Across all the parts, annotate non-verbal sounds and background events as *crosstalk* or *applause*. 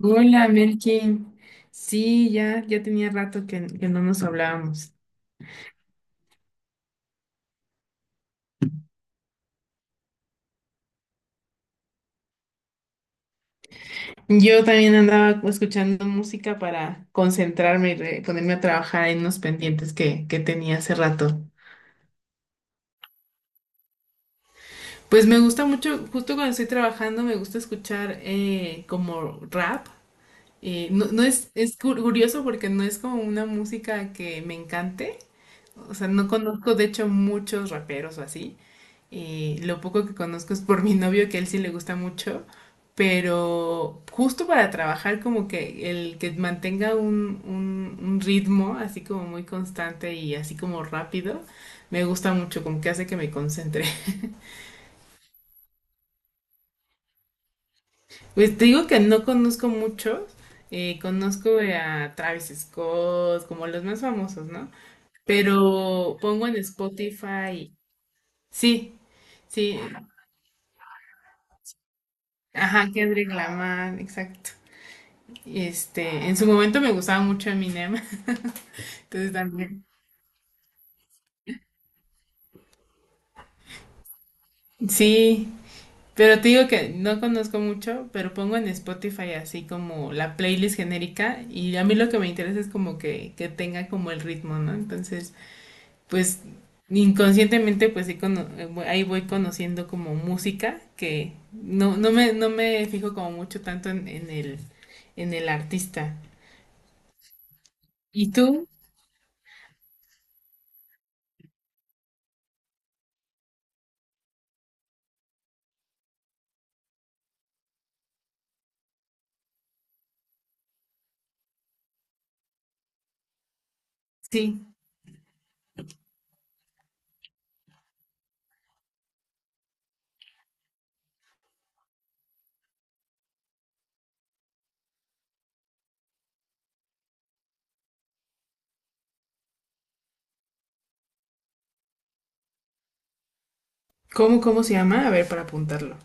Hola, Melkin. Sí, ya tenía rato que no nos hablábamos. Yo también andaba escuchando música para concentrarme y ponerme a trabajar en unos pendientes que tenía hace rato. Pues me gusta mucho, justo cuando estoy trabajando, me gusta escuchar como rap. No es, curioso porque no es como una música que me encante. O sea, no conozco de hecho muchos raperos o así. Lo poco que conozco es por mi novio, que a él sí le gusta mucho, pero justo para trabajar como que el que mantenga un ritmo así como muy constante y así como rápido, me gusta mucho, como que hace que me concentre. *laughs* Pues te digo que no conozco muchos, conozco a Travis Scott, como los más famosos, ¿no? Pero pongo en Spotify, sí, sí, ajá, Kendrick Lamar, exacto. Este, en su momento me gustaba mucho Eminem, *laughs* entonces también. Sí, pero te digo que no conozco mucho, pero pongo en Spotify así como la playlist genérica y a mí lo que me interesa es como que tenga como el ritmo, ¿no? Entonces, pues inconscientemente pues sí ahí voy conociendo como música que no me fijo como mucho tanto en el artista. ¿Y tú? Sí. ¿Cómo, cómo se llama? A ver, para apuntarlo.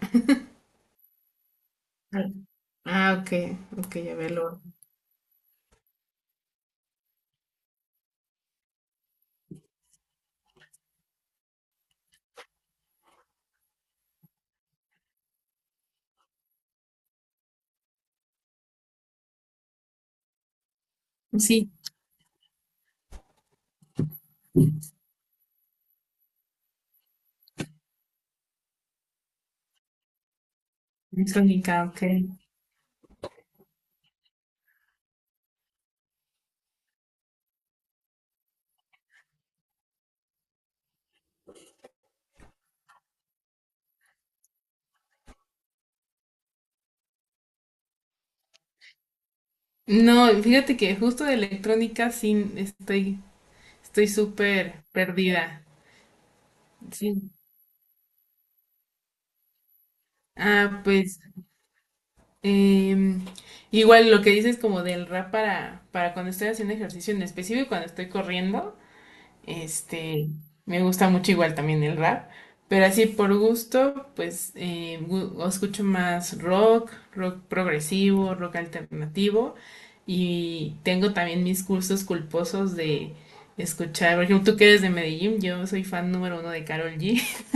Ah, ok, ok, ya veo. Sí, electrónica, ok. No, fíjate que justo de electrónica sí estoy súper perdida. Sí. Ah, pues em, igual lo que dices como del rap para cuando estoy haciendo ejercicio en específico, y cuando estoy corriendo. Este, me gusta mucho igual también el rap, pero así por gusto, pues escucho más rock, rock progresivo, rock alternativo y tengo también mis cursos culposos de escuchar, por ejemplo, tú que eres de Medellín, yo soy fan número uno de Karol G. *laughs*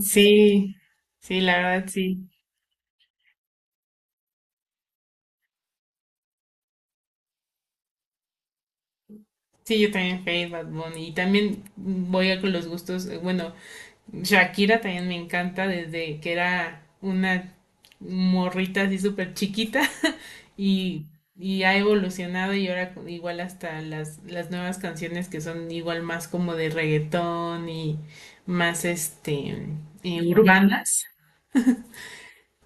Sí, sí, la verdad sí. Sí, yo también Fade, Bad Bunny y también voy a con los gustos, bueno. Shakira también me encanta desde que era una morrita así súper chiquita. *laughs* y, y ha evolucionado y ahora igual hasta las nuevas canciones que son igual más como de reggaetón y más urbanas.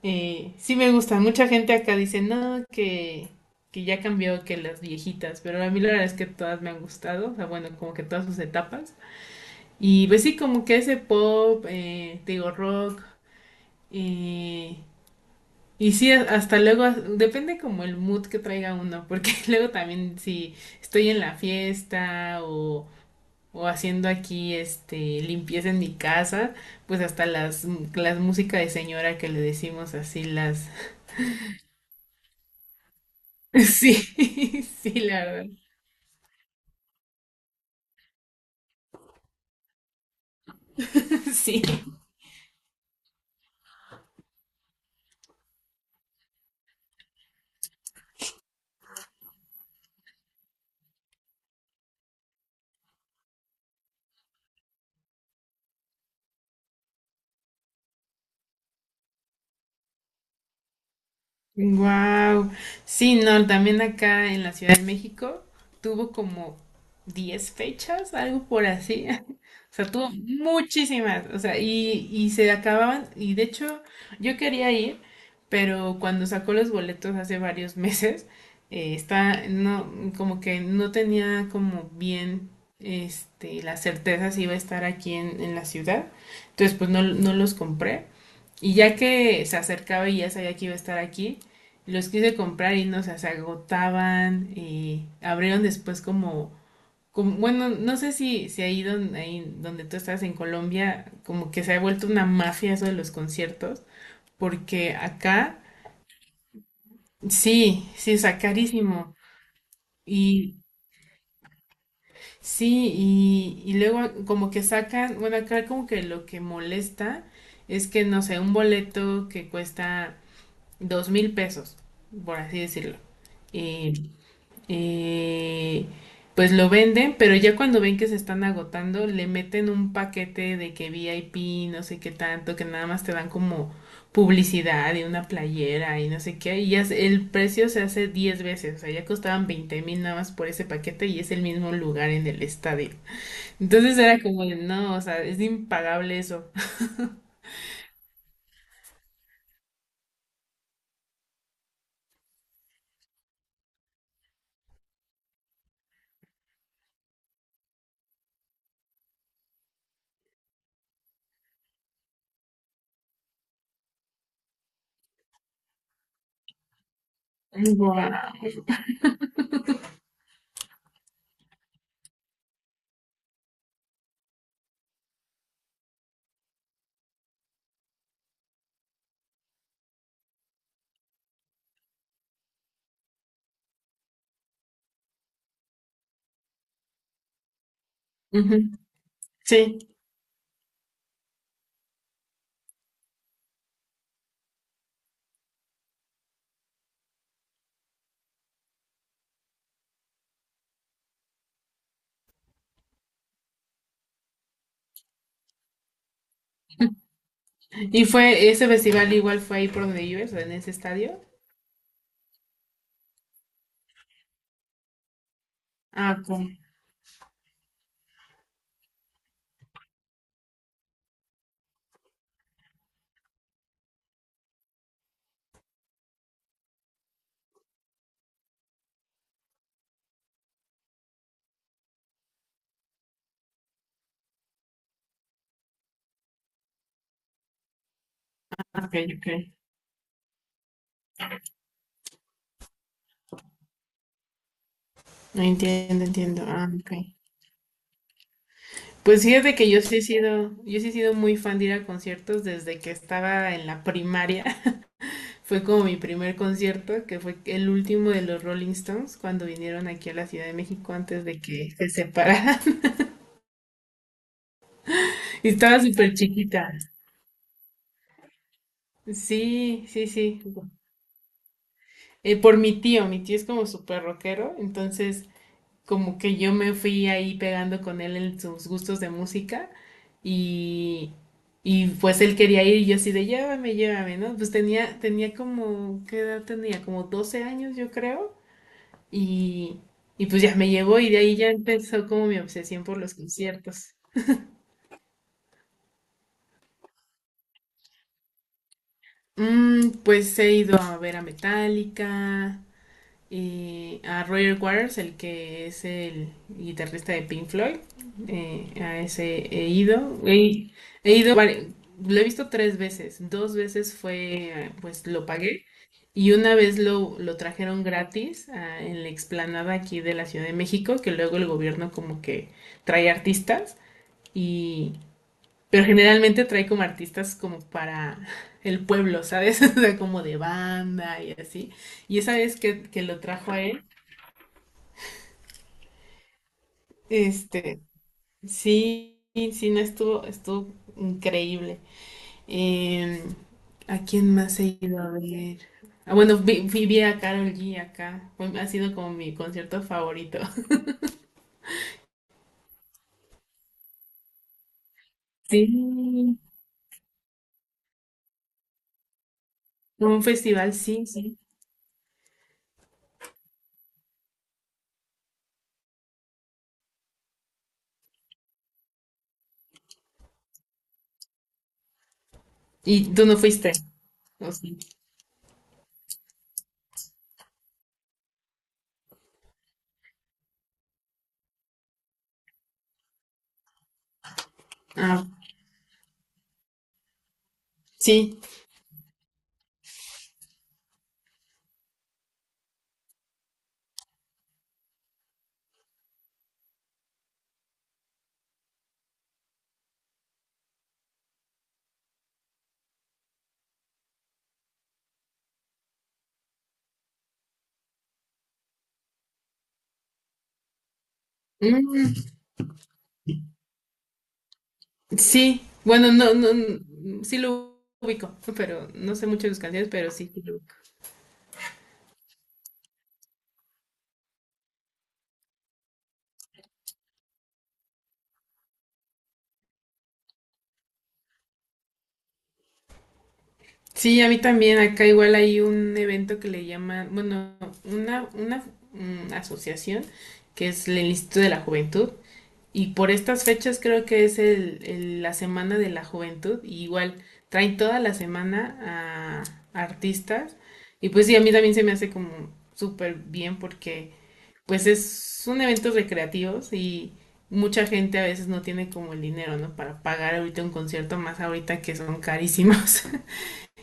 Sí me gusta, mucha gente acá dice no, que ya cambió que las viejitas, pero a mí la verdad es que todas me han gustado, o sea, bueno, como que todas sus etapas. Y pues sí, como que ese pop, te digo rock, y, y sí, depende como el mood que traiga uno, porque *laughs* luego también si estoy en la fiesta o haciendo aquí este limpieza en mi casa, pues hasta las música de señora que le decimos así, las... *laughs* Sí, *laughs* sí, la verdad. *laughs* Sí. Wow. Sí, no, también acá en la Ciudad de México tuvo como 10 fechas, algo por así. *laughs* O sea, tuvo muchísimas. O sea, y se acababan. Y de hecho, yo quería ir, pero cuando sacó los boletos hace varios meses, está, no, como que no tenía como bien, este, la certeza si iba a estar aquí en la ciudad. Entonces, pues no, no los compré. Y ya que se acercaba y ya sabía que iba a estar aquí, los quise comprar y no, o sea, se agotaban y abrieron después como bueno, no sé si, si ahí, donde, ahí donde tú estás en Colombia, como que se ha vuelto una mafia eso de los conciertos, porque acá sí, sí, está carísimo. Y sí, y luego como que sacan, bueno, acá como que lo que molesta es que, no sé, un boleto que cuesta 2.000 pesos, por así decirlo. Y, y, pues lo venden, pero ya cuando ven que se están agotando, le meten un paquete de que VIP, no sé qué tanto, que nada más te dan como publicidad y una playera y no sé qué, y ya el precio se hace 10 veces, o sea, ya costaban 20.000 nada más por ese paquete y es el mismo lugar en el estadio. Entonces era como, de, no, o sea, es impagable eso. Guau. Ujú. Sí. ¿Y fue ese festival igual fue ahí por donde vives, en ese estadio? Ah, ok, ok, ok. Entiendo, entiendo. Ah, ok. Pues fíjate que yo sí he sido muy fan de ir a conciertos desde que estaba en la primaria. *laughs* Fue como mi primer concierto, que fue el último de los Rolling Stones, cuando vinieron aquí a la Ciudad de México antes de que se separaran. *laughs* Y estaba súper chiquita. Sí, sí, sí. Por mi tío es como súper rockero, entonces como que yo me fui ahí pegando con él en sus gustos de música y, y pues él quería ir y yo así de llévame, llévame, ¿no? Pues tenía como, ¿qué edad tenía? Como 12 años yo creo y, y pues ya me llevó y de ahí ya empezó como mi obsesión por los conciertos. Mm, pues he ido a ver a Metallica, a Roger Waters, el que es el guitarrista de Pink Floyd. A ese he ido. He ido, lo he visto tres veces. Dos veces fue, pues lo pagué. Y una vez lo trajeron gratis ah, en la explanada aquí de la Ciudad de México, que luego el gobierno como que trae artistas y... Pero generalmente trae como artistas como para el pueblo, ¿sabes? *laughs* O sea, como de banda y así. Y esa vez que lo trajo a él, este, sí, sí, no estuvo, estuvo increíble. Em, ¿A quién más he ido a ver? Ah, bueno, vi a Karol G acá. Ha sido como mi concierto favorito. *laughs* Sí. Un festival, sí, sí. ¿Y tú no fuiste? ¿O sí? Ah, sí. Mm, sí. Bueno, no, no, mm, sí lo ubico, pero no sé mucho de sus canciones, pero sí, sí lo ubico. Sí, a mí también. Acá igual hay un evento que le llaman, bueno, una asociación que es el Instituto de la Juventud. Y por estas fechas creo que es la Semana de la Juventud. Y igual traen toda la semana a artistas. Y pues sí, a mí también se me hace como súper bien porque pues es, son eventos recreativos y mucha gente a veces no tiene como el dinero, ¿no? Para pagar ahorita un concierto, más ahorita que son carísimos. *laughs*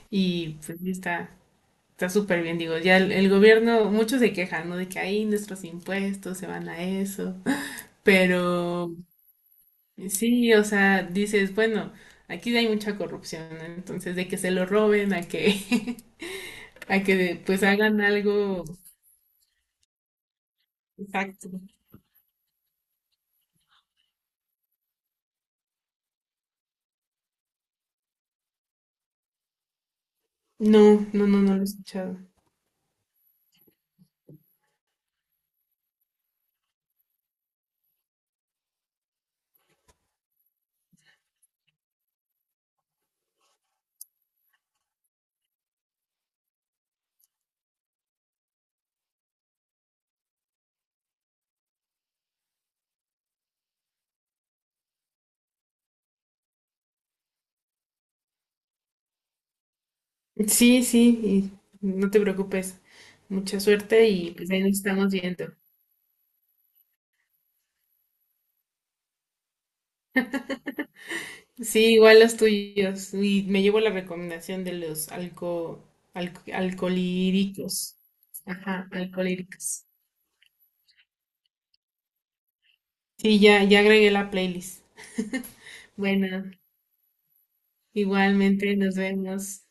Y pues sí está, está súper bien, digo, ya el gobierno, muchos se quejan, ¿no? De que ahí nuestros impuestos se van a eso. *laughs* Pero sí, o sea, dices, bueno, aquí hay mucha corrupción, ¿no? Entonces, de que se lo roben, a que, *laughs* a que pues hagan algo exacto. No, no, no, no lo he escuchado. Sí, sí, y no te preocupes. Mucha suerte y pues ahí nos estamos viendo. Sí, igual los tuyos. Y me llevo la recomendación de los alco, alcolíricos. Ajá, alcolíricos. Sí, ya, ya agregué la playlist. Bueno, igualmente nos vemos.